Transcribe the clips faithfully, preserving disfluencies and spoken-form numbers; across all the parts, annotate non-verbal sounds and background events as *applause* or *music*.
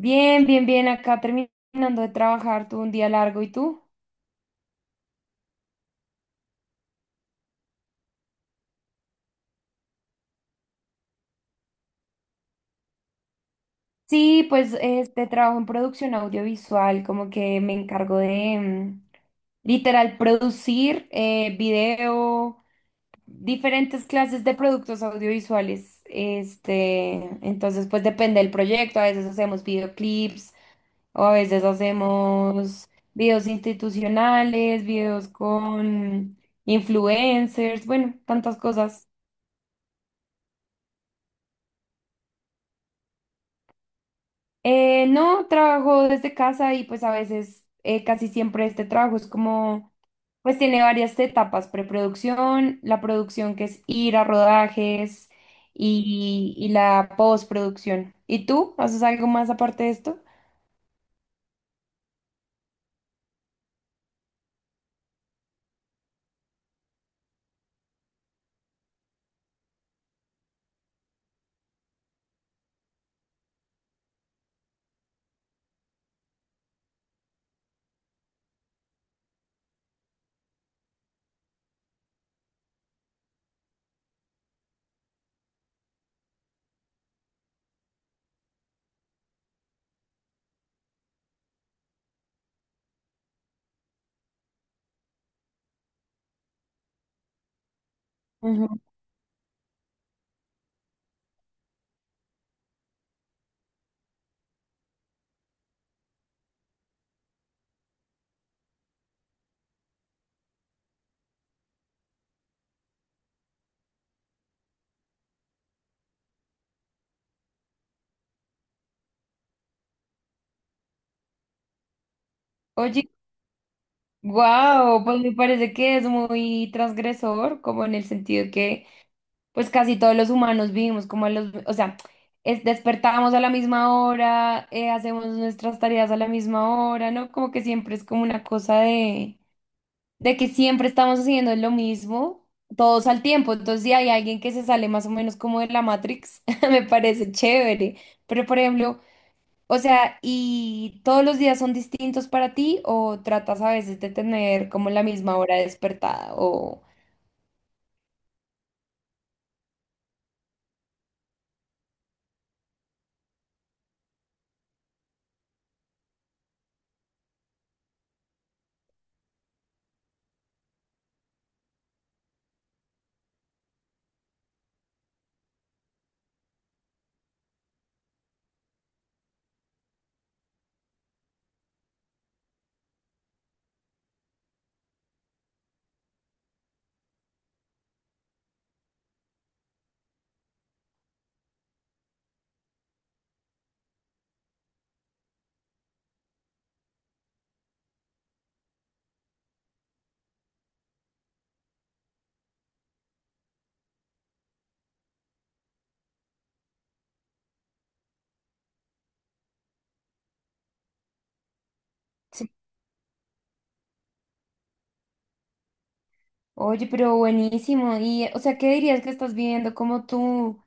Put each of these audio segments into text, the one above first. Bien, bien, bien, acá terminando de trabajar, tuve un día largo, ¿y tú? Sí, pues este trabajo en producción audiovisual, como que me encargo de mm, literal producir eh, video, diferentes clases de productos audiovisuales. Este, entonces pues depende del proyecto, a veces hacemos videoclips o a veces hacemos videos institucionales, videos con influencers, bueno, tantas cosas. Eh, no, trabajo desde casa y pues a veces, eh, casi siempre este trabajo es como, pues tiene varias etapas, preproducción, la producción que es ir a rodajes y, y la postproducción. ¿Y tú? ¿Haces algo más aparte de esto? Ujú. Oye, wow, pues me parece que es muy transgresor, como en el sentido que pues casi todos los humanos vivimos como los, o sea, es, despertamos a la misma hora, eh, hacemos nuestras tareas a la misma hora, ¿no? Como que siempre es como una cosa de, de que siempre estamos haciendo lo mismo, todos al tiempo. Entonces, si hay alguien que se sale más o menos como de la Matrix, *laughs* me parece chévere. Pero, por ejemplo, o sea, ¿y todos los días son distintos para ti o tratas a veces de tener como la misma hora despertada o... Oye, pero buenísimo. Y, o sea, ¿qué dirías que estás viviendo como tu,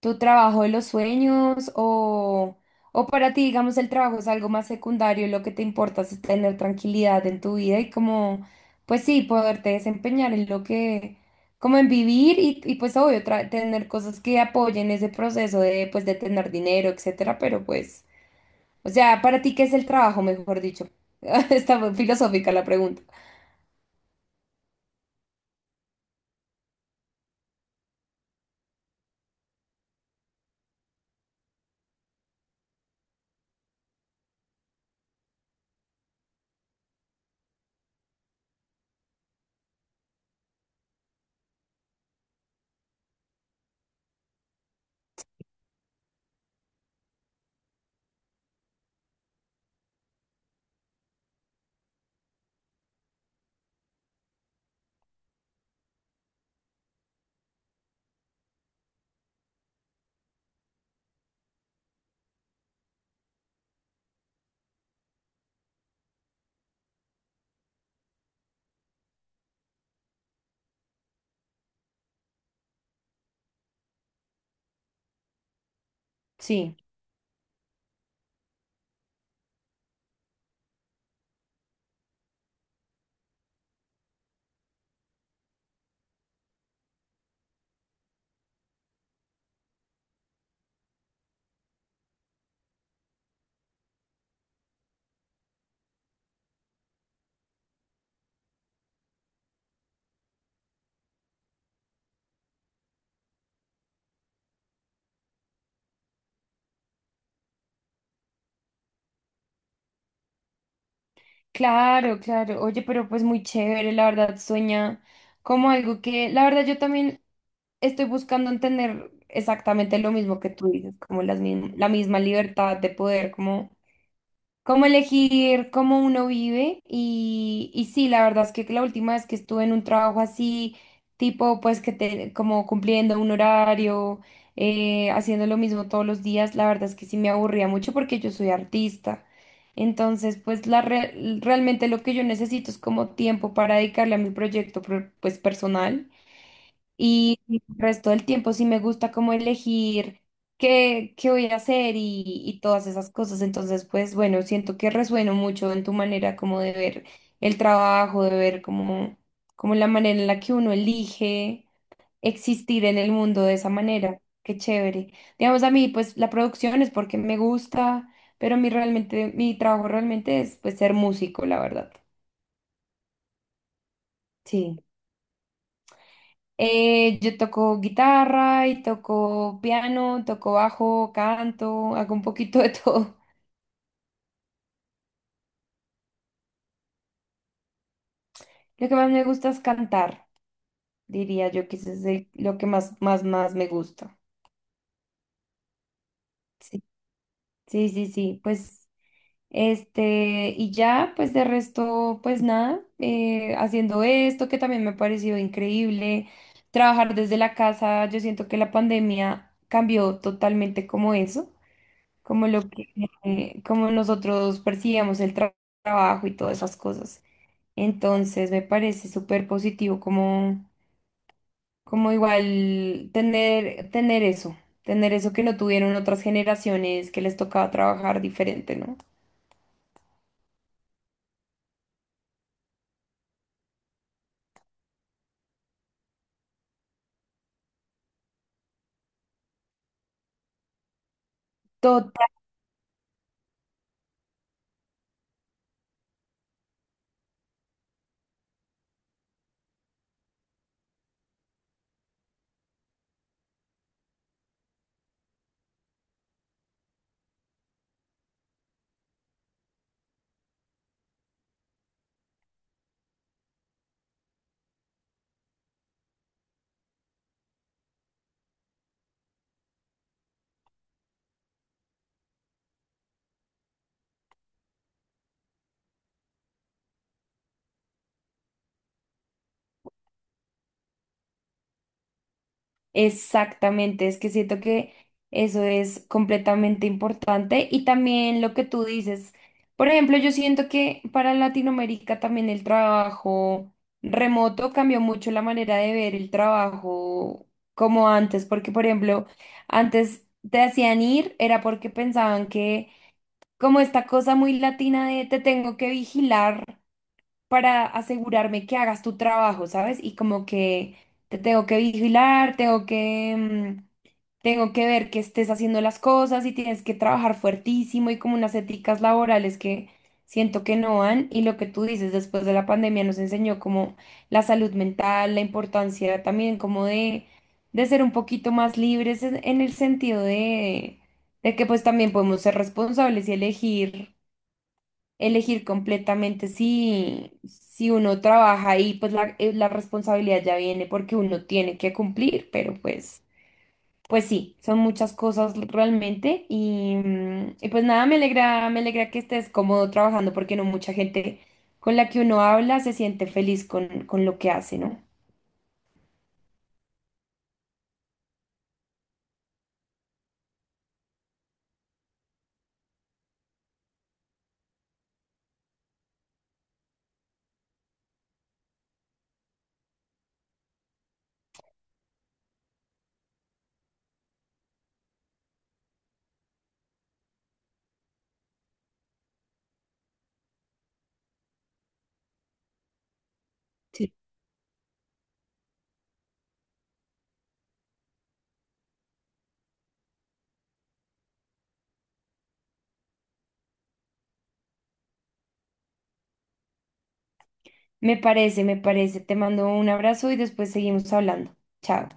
tu trabajo de los sueños? O, o para ti, digamos, el trabajo es algo más secundario y lo que te importa es tener tranquilidad en tu vida y como, pues sí, poderte desempeñar en lo que, como en vivir y, y pues obvio, tra- tener cosas que apoyen ese proceso de, pues, de tener dinero, etcétera. Pero pues, o sea, para ti, ¿qué es el trabajo, mejor dicho? *laughs* Está muy filosófica la pregunta. Sí. Claro, claro. Oye, pero pues muy chévere, la verdad, sueña como algo que, la verdad, yo también estoy buscando entender exactamente lo mismo que tú dices, como las, mism- la misma libertad de poder, como cómo elegir cómo uno vive y, y sí, la verdad es que la última vez que estuve en un trabajo así, tipo pues que te, como cumpliendo un horario, eh, haciendo lo mismo todos los días, la verdad es que sí me aburría mucho porque yo soy artista. Entonces, pues la re- realmente lo que yo necesito es como tiempo para dedicarle a mi proyecto pro- pues personal. Y el resto del tiempo sí me gusta como elegir qué, qué voy a hacer y, y todas esas cosas. Entonces, pues bueno, siento que resueno mucho en tu manera como de ver el trabajo, de ver como, como la manera en la que uno elige existir en el mundo de esa manera. Qué chévere. Digamos, a mí, pues la producción es porque me gusta, pero mi realmente, mi trabajo realmente es pues ser músico, la verdad. Sí. Eh, yo toco guitarra y toco piano, toco bajo, canto, hago un poquito de todo. *laughs* Lo que más me gusta es cantar, diría yo, que eso es el- lo que más, más, más me gusta. Sí, sí, sí, sí, pues, este, y ya, pues de resto, pues nada, eh, haciendo esto que también me ha parecido increíble, trabajar desde la casa, yo siento que la pandemia cambió totalmente como eso, como lo que, eh, como nosotros percibíamos el tra- trabajo y todas esas cosas. Entonces me parece súper positivo como, como igual tener, tener eso, tener eso que no tuvieron otras generaciones que les tocaba trabajar diferente, ¿no? Exactamente, es que siento que eso es completamente importante y también lo que tú dices, por ejemplo, yo siento que para Latinoamérica también el trabajo remoto cambió mucho la manera de ver el trabajo como antes, porque por ejemplo, antes te hacían ir era porque pensaban que como esta cosa muy latina de te tengo que vigilar para asegurarme que hagas tu trabajo, ¿sabes? Y como que te tengo que vigilar, tengo que, mm, tengo que ver que estés haciendo las cosas y tienes que trabajar fuertísimo y como unas éticas laborales que siento que no van. Y lo que tú dices, después de la pandemia nos enseñó como la salud mental, la importancia también como de, de ser un poquito más libres en, en el sentido de, de que pues también podemos ser responsables y elegir elegir completamente si, si uno trabaja ahí, pues la, eh, la responsabilidad ya viene porque uno tiene que cumplir, pero pues, pues sí, son muchas cosas realmente y, mm, y pues nada, me alegra, me alegra que estés cómodo trabajando porque no mucha gente con la que uno habla se siente feliz con, con lo que hace, ¿no? Sí. Me parece, me parece. Te mando un abrazo y después seguimos hablando. Chao.